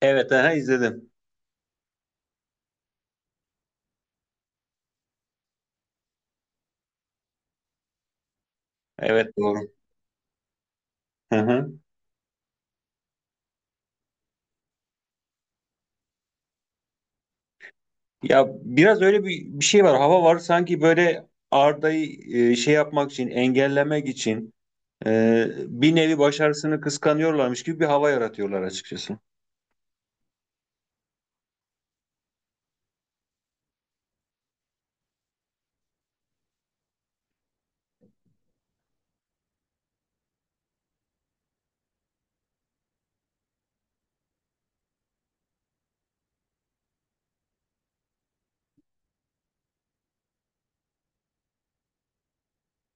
Evet, aha izledim. Evet doğru. Hı hı. Ya biraz öyle bir şey var. Hava var sanki böyle Arda'yı şey yapmak için, engellemek için, bir nevi başarısını kıskanıyorlarmış gibi bir hava yaratıyorlar açıkçası.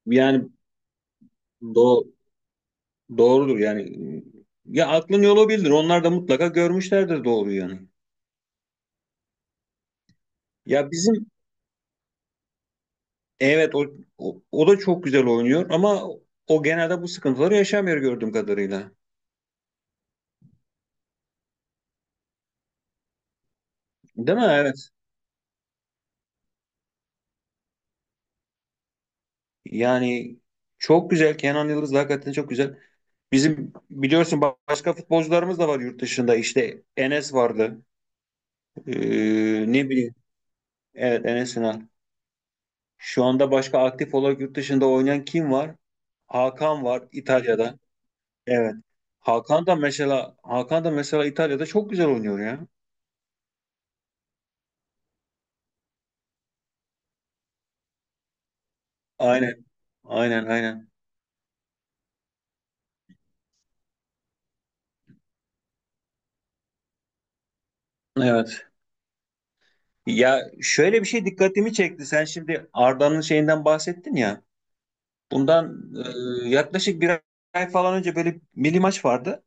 Yani do doğrudur yani. Ya aklın yolu bildir. Onlar da mutlaka görmüşlerdir doğru yani. Ya bizim, evet, o da çok güzel oynuyor ama o genelde bu sıkıntıları yaşamıyor gördüğüm kadarıyla. Değil mi? Evet. Yani çok güzel. Kenan Yıldız da hakikaten çok güzel. Bizim biliyorsun, başka futbolcularımız da var yurt dışında. İşte Enes vardı. Ne bileyim. Evet Enes Ünal. Şu anda başka aktif olarak yurt dışında oynayan kim var? Hakan var İtalya'da. Evet. Hakan da mesela İtalya'da çok güzel oynuyor ya. Aynen. Aynen aynen. Evet. Ya şöyle bir şey dikkatimi çekti. Sen şimdi Arda'nın şeyinden bahsettin ya. Bundan yaklaşık bir ay falan önce böyle milli maç vardı.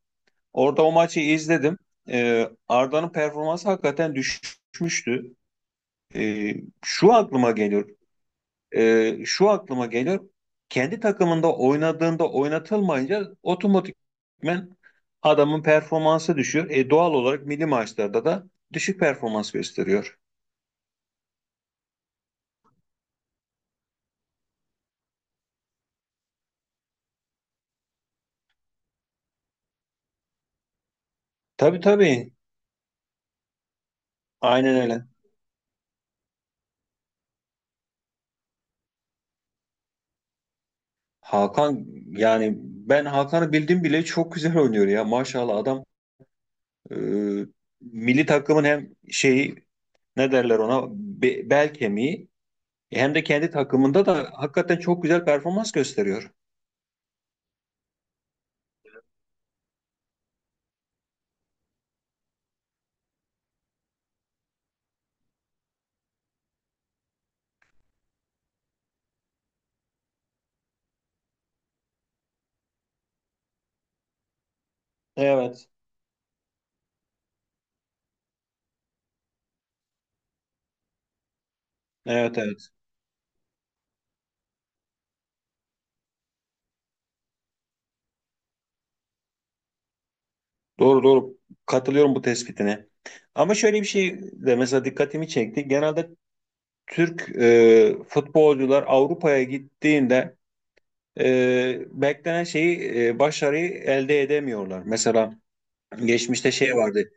Orada o maçı izledim. Arda'nın performansı hakikaten düşmüştü. E, Şu aklıma geliyor. Şu aklıma geliyor. Kendi takımında oynadığında oynatılmayınca otomatikmen adamın performansı düşüyor. Doğal olarak milli maçlarda da düşük performans gösteriyor. Tabii tabii. Aynen öyle. Hakan, yani ben Hakan'ı bildim bile çok güzel oynuyor ya. Maşallah adam. Ee, Milli takımın hem şeyi, ne derler ona, bel kemiği, hem de kendi takımında da hakikaten çok güzel performans gösteriyor. Evet. Evet evet. Doğru doğru. Katılıyorum bu tespitine. Ama şöyle bir şey de mesela dikkatimi çekti. Genelde Türk futbolcular Avrupa'ya gittiğinde beklenen şeyi, başarıyı elde edemiyorlar. Mesela geçmişte şey vardı.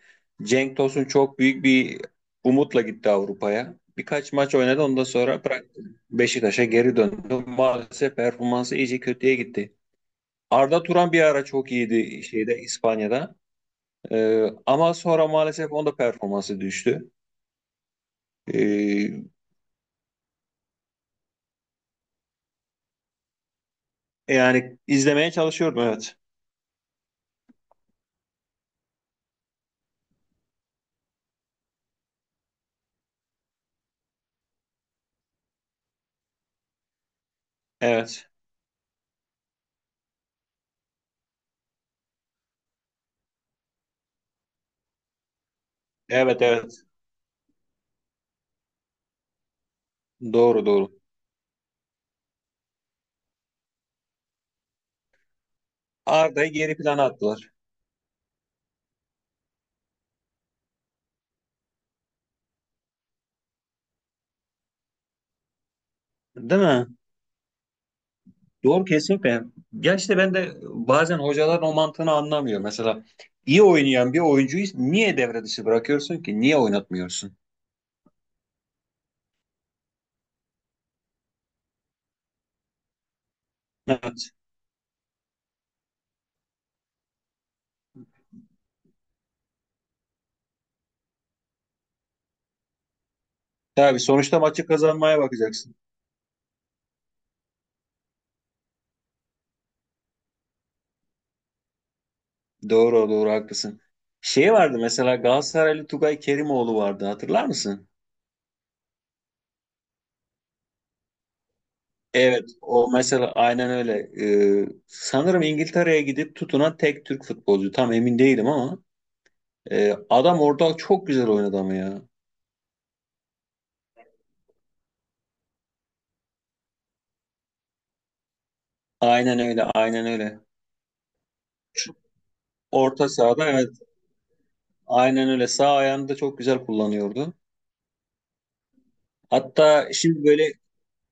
Cenk Tosun çok büyük bir umutla gitti Avrupa'ya. Birkaç maç oynadı, ondan sonra bıraktı. Beşiktaş'a geri döndü. Maalesef performansı iyice kötüye gitti. Arda Turan bir ara çok iyiydi şeyde, İspanya'da. Ama sonra maalesef onda performansı düştü. Ee, yani izlemeye çalışıyorum, evet. Evet. Evet evet. Doğru doğru. Arda'yı geri plana attılar. Değil mi? Doğru kesinlikle. Ya işte ben de bazen hocaların o mantığını anlamıyor. Mesela iyi oynayan bir oyuncuyu niye devre dışı bırakıyorsun ki? Niye oynatmıyorsun? Evet. Tabii, sonuçta maçı kazanmaya bakacaksın. Doğru doğru, haklısın. Şey vardı mesela, Galatasaraylı Tugay Kerimoğlu vardı, hatırlar mısın? Evet, o mesela aynen öyle. Sanırım İngiltere'ye gidip tutunan tek Türk futbolcu. Tam emin değilim ama adam orada çok güzel oynadı ama ya. Aynen öyle, aynen öyle. Orta sahada, evet. Aynen öyle. Sağ ayağını da çok güzel kullanıyordu. Hatta şimdi böyle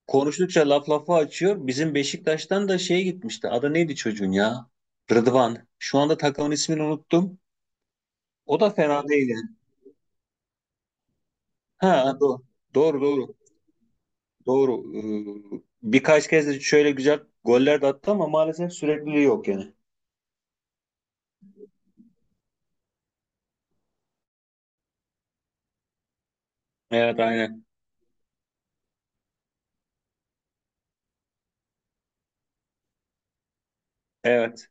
konuştukça laf lafı açıyor. Bizim Beşiktaş'tan da şey gitmişti. Adı neydi çocuğun ya? Rıdvan. Şu anda takımın ismini unuttum. O da fena değil yani. Ha, doğru. Doğru doğru. Doğru. Birkaç kez de şöyle güzel goller de attı ama maalesef sürekliliği yok yani. Evet aynen. Evet.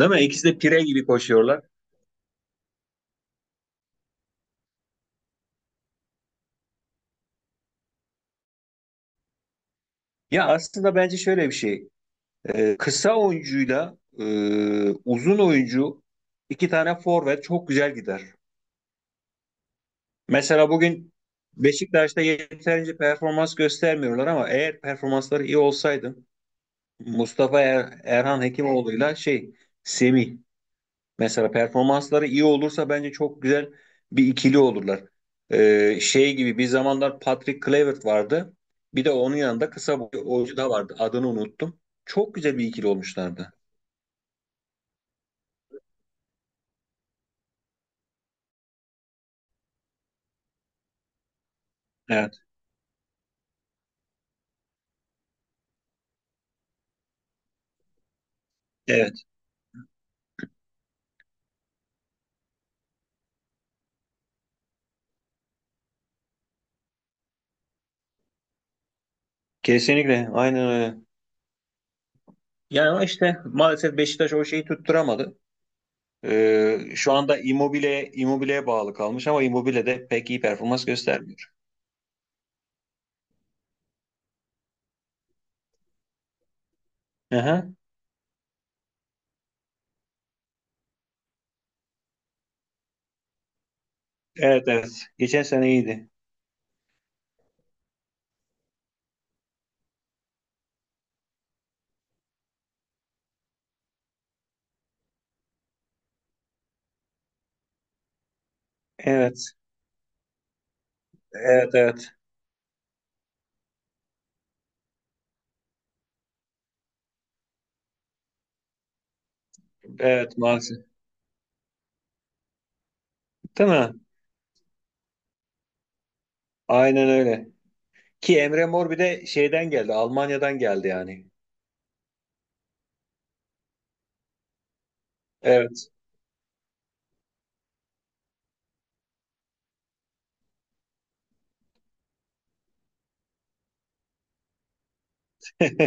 Değil mi? İkisi de pire gibi koşuyorlar. Ya aslında bence şöyle bir şey. Kısa oyuncuyla, uzun oyuncu, iki tane forvet çok güzel gider. Mesela bugün Beşiktaş'ta yeterince performans göstermiyorlar ama eğer performansları iyi olsaydı Mustafa Erhan Hekimoğlu'yla şey, Semih, mesela performansları iyi olursa bence çok güzel bir ikili olurlar. Şey gibi, bir zamanlar Patrick Kluivert vardı. Bir de onun yanında kısa boylu oyuncu da vardı. Adını unuttum. Çok güzel bir ikili olmuşlardı. Evet. Evet. Kesinlikle, aynen öyle. Yani ama işte maalesef Beşiktaş o şeyi tutturamadı. Şu anda Immobile'ye bağlı kalmış ama Immobile de pek iyi performans göstermiyor. Aha. Evet evet. Geçen sene iyiydi. Evet. Evet evet. Evet maalesef. Değil mi? Aynen öyle. Ki Emre Mor bir de şeyden geldi. Almanya'dan geldi yani. Evet.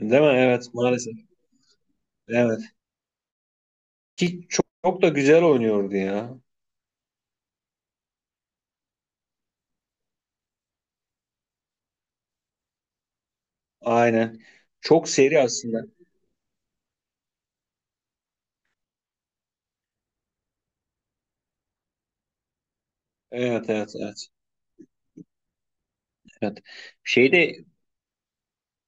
Değil mi? Evet maalesef. Evet. Ki çok, çok da güzel oynuyordu ya. Aynen. Çok seri aslında. Evet evet evet. Evet. Şeyde,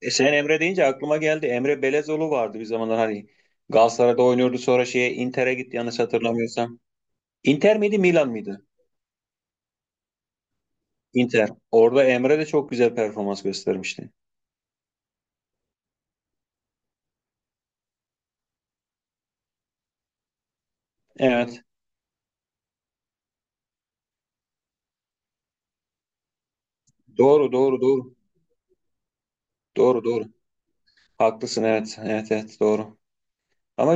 sen Emre deyince aklıma geldi. Emre Belezoğlu vardı bir zamanlar, hani Galatasaray'da oynuyordu, sonra şeye, Inter'e gitti yanlış hatırlamıyorsam. Inter miydi, Milan mıydı? Inter. Orada Emre de çok güzel performans göstermişti. Evet. Doğru doğru doğru. Doğru doğru. Haklısın, evet. Evet evet, doğru. Ama